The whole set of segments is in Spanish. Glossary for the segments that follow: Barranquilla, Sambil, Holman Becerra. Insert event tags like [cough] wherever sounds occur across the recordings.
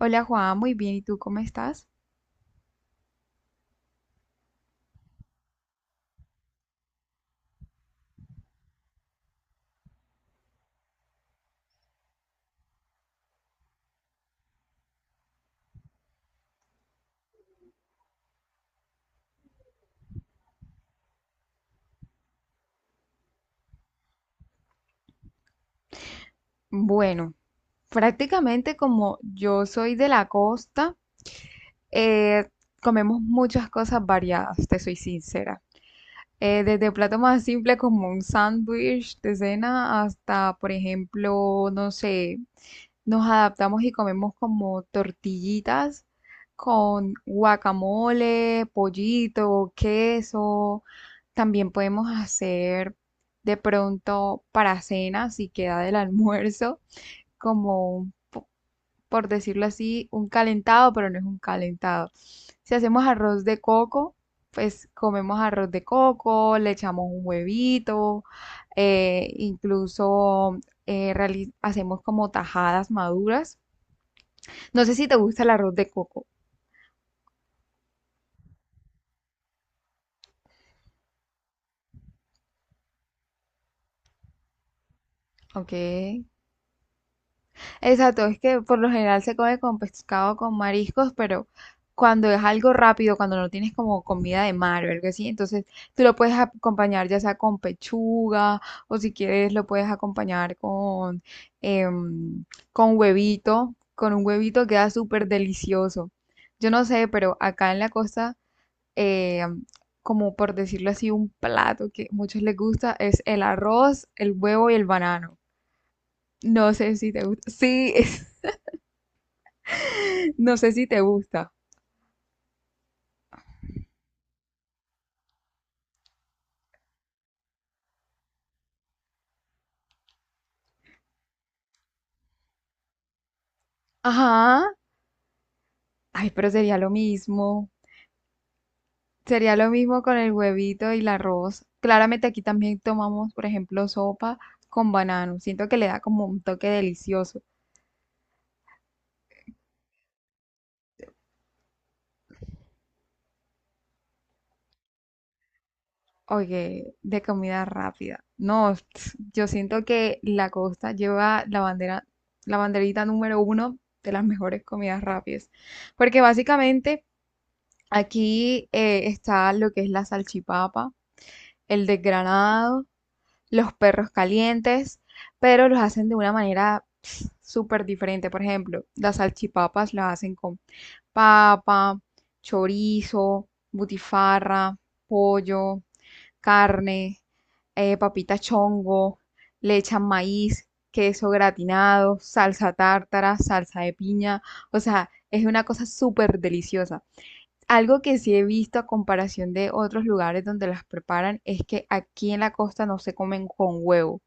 Hola Juan, muy bien. ¿Y tú cómo estás? Bueno, prácticamente como yo soy de la costa, eh, comemos muchas cosas variadas, te soy sincera. Desde plato más simple como un sándwich de cena hasta, por ejemplo, no sé, nos adaptamos y comemos como tortillitas con guacamole, pollito, queso. También podemos hacer de pronto para cena, si queda del almuerzo, como por decirlo así, un calentado, pero no es un calentado. Si hacemos arroz de coco, pues comemos arroz de coco, le echamos un huevito, incluso hacemos como tajadas maduras. No sé si te gusta el arroz de coco. Ok. Exacto, es que por lo general se come con pescado, con mariscos, pero cuando es algo rápido, cuando no tienes como comida de mar o algo así, entonces tú lo puedes acompañar ya sea con pechuga o si quieres lo puedes acompañar con, em, con huevito. Con un huevito queda súper delicioso. Yo no sé, pero acá en la costa, eh, como por decirlo así, un plato que a muchos les gusta es el arroz, el huevo y el banano. No sé si te gusta. Sí, [laughs] no sé si te gusta. Ajá. Ay, pero sería lo mismo. Sería lo mismo con el huevito y el arroz. Claramente aquí también tomamos, por ejemplo, sopa con banano. Siento que le da como un toque delicioso. Oye, de comida rápida. No, [tsk] yo siento que la costa lleva la bandera, la banderita número uno de las mejores comidas rápidas. Porque básicamente aquí está lo que es la salchipapa, el desgranado, los perros calientes, pero los hacen de una manera [tsk] pss, súper diferente. Por ejemplo, las salchipapas las hacen con papa, chorizo, butifarra, pollo, carne, papita chongo, le echan maíz, queso gratinado, salsa tártara, salsa de piña, o sea, es una cosa súper deliciosa. Algo que sí he visto a comparación de otros lugares donde las preparan es que aquí en la costa no se comen con huevo.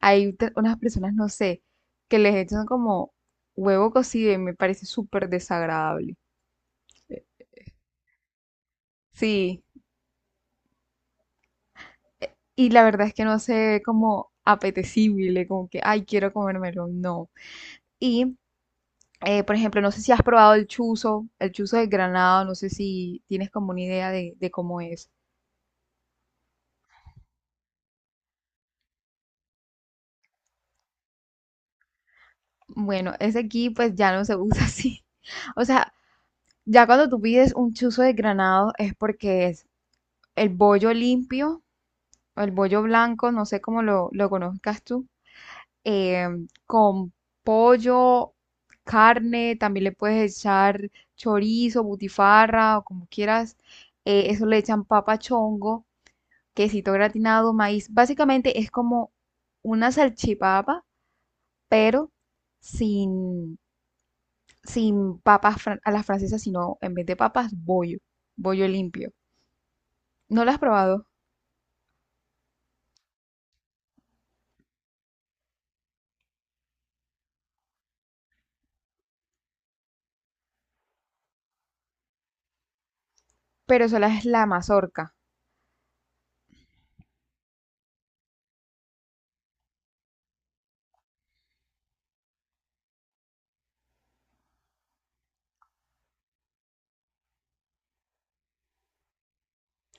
Hay unas personas, no sé, que les echan como huevo cocido y me parece súper desagradable. Sí. Y la verdad es que no se ve como apetecible, como que, ay, quiero comérmelo, no. Y por ejemplo, no sé si has probado el chuzo de Granada, no sé si tienes como una idea de cómo es. Bueno, ese aquí pues ya no se usa así. [laughs] O sea, ya cuando tú pides un chuzo de granado es porque es el bollo limpio, o el bollo blanco, no sé cómo lo conozcas tú, eh, con pollo, carne, también le puedes echar chorizo, butifarra o como quieras. Eso le echan papa chongo, quesito gratinado, maíz. Básicamente es como una salchipapa, pero sin, sin a las francesas, sino en vez de papas, bollo, bollo limpio. No lo has probado, pero sola es la mazorca,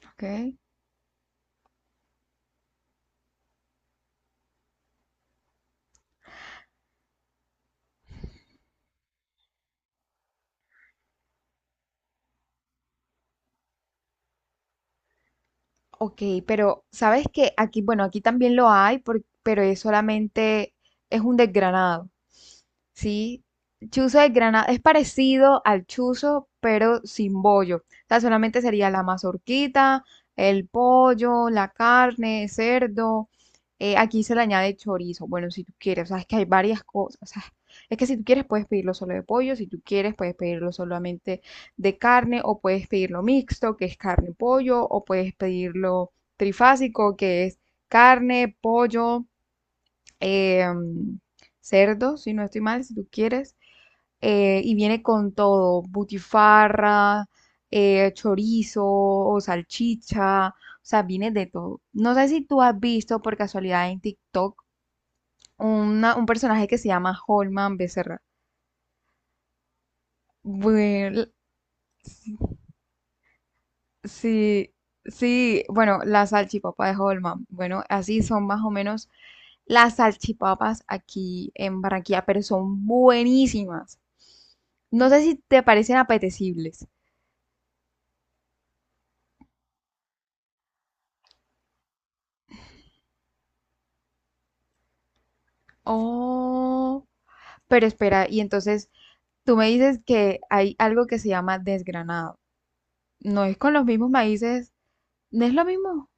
¿ok? Ok, pero sabes que aquí, bueno, aquí también lo hay, pero es solamente, es un desgranado. Sí, chuzo de Granada es parecido al chuzo, pero sin bollo. O sea, solamente sería la mazorquita, el pollo, la carne, cerdo. Aquí se le añade chorizo. Bueno, si tú quieres, o sea, es que hay varias cosas. O sea, es que si tú quieres puedes pedirlo solo de pollo, si tú quieres puedes pedirlo solamente de carne o puedes pedirlo mixto, que es carne y pollo, o puedes pedirlo trifásico, que es carne, pollo, em, cerdo, si no estoy mal, si tú quieres, y viene con todo, butifarra, chorizo o salchicha, o sea, viene de todo. No sé si tú has visto por casualidad en TikTok un personaje que se llama Holman Becerra. Bueno, sí, sí, bueno, la salchipapa de Holman. Bueno, así son más o menos las salchipapas aquí en Barranquilla, pero son buenísimas. No sé si te parecen apetecibles. Oh, pero espera, y entonces tú me dices que hay algo que se llama desgranado. No es con los mismos maíces, no es lo mismo.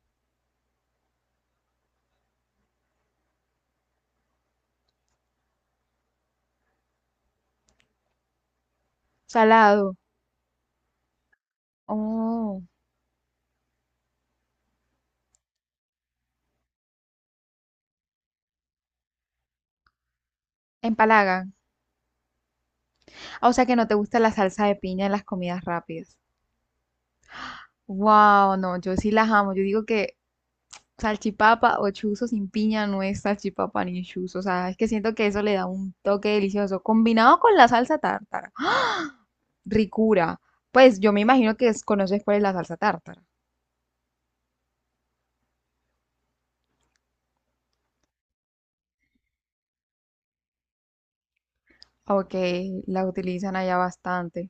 Salado. Oh, empalagan. Ah, o sea que no te gusta la salsa de piña en las comidas rápidas. Wow, no, yo sí las amo. Yo digo que salchipapa o chuzo sin piña no es salchipapa ni chuzo. O sea, es que siento que eso le da un toque delicioso, combinado con la salsa tártara. ¡Ah! Ricura. Pues yo me imagino que conoces cuál es la salsa tártara. Ok, la utilizan allá bastante.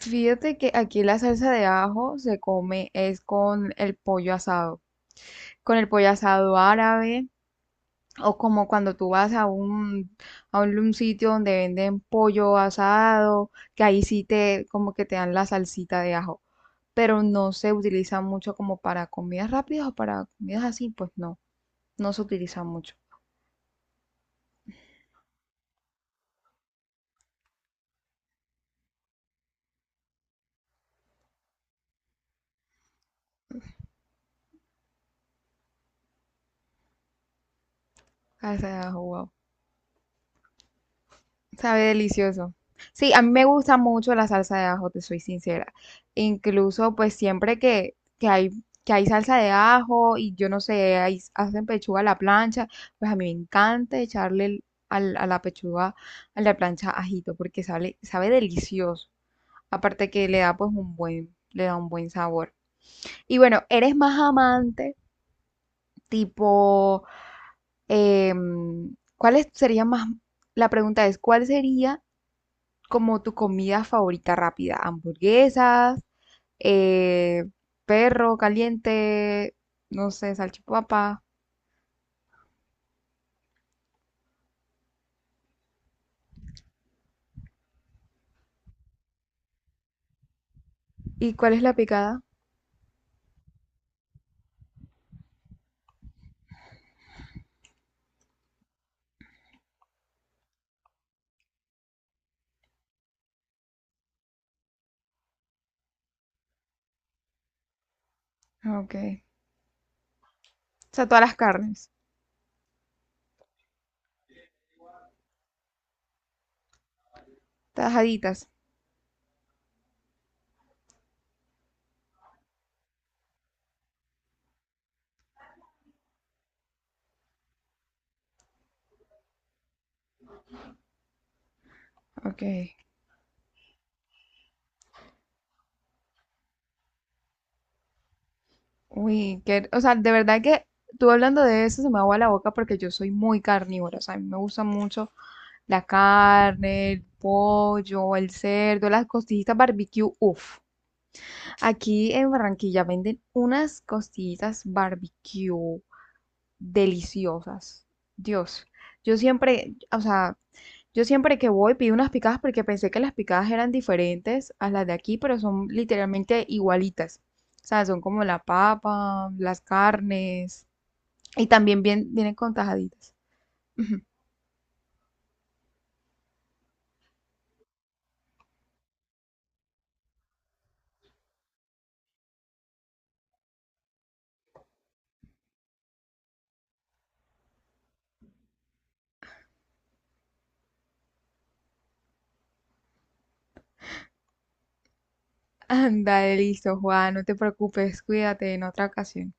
Fíjate que aquí la salsa de ajo se come es con el pollo asado, con el pollo asado árabe o como cuando tú vas a a un sitio donde venden pollo asado, que ahí sí te como que te dan la salsita de ajo, pero no se utiliza mucho como para comidas rápidas o para comidas así, pues no, no se utiliza mucho. Salsa de ajo, wow. Sabe delicioso. Sí, a mí me gusta mucho la salsa de ajo, te soy sincera. Incluso, pues siempre que hay salsa de ajo y yo no sé, ahí hacen pechuga a la plancha, pues a mí me encanta echarle a la pechuga, a la plancha ajito, porque sabe, sabe delicioso. Aparte que le da pues un buen, le da un buen sabor. Y bueno, eres más amante, tipo, ¿cuáles sería más? La pregunta es, ¿cuál sería como tu comida favorita rápida? Hamburguesas, eh, perro caliente, no sé, salchipapa. ¿Y cuál es la picada? Ah, ok. O sea, todas las carnes, tajaditas. Ok. Uy, que, o sea, de verdad que tú hablando de eso se me agua la boca porque yo soy muy carnívora. O sea, a mí me gusta mucho la carne, el pollo, el cerdo, las costillitas barbecue. Uf. Aquí en Barranquilla venden unas costillitas barbecue deliciosas. Dios, yo siempre, o sea, yo siempre que voy pido unas picadas porque pensé que las picadas eran diferentes a las de aquí, pero son literalmente igualitas. O sea, son como la papa, las carnes y también bien, vienen con tajaditas. [laughs] Anda, listo, Juan, no te preocupes, cuídate en otra ocasión.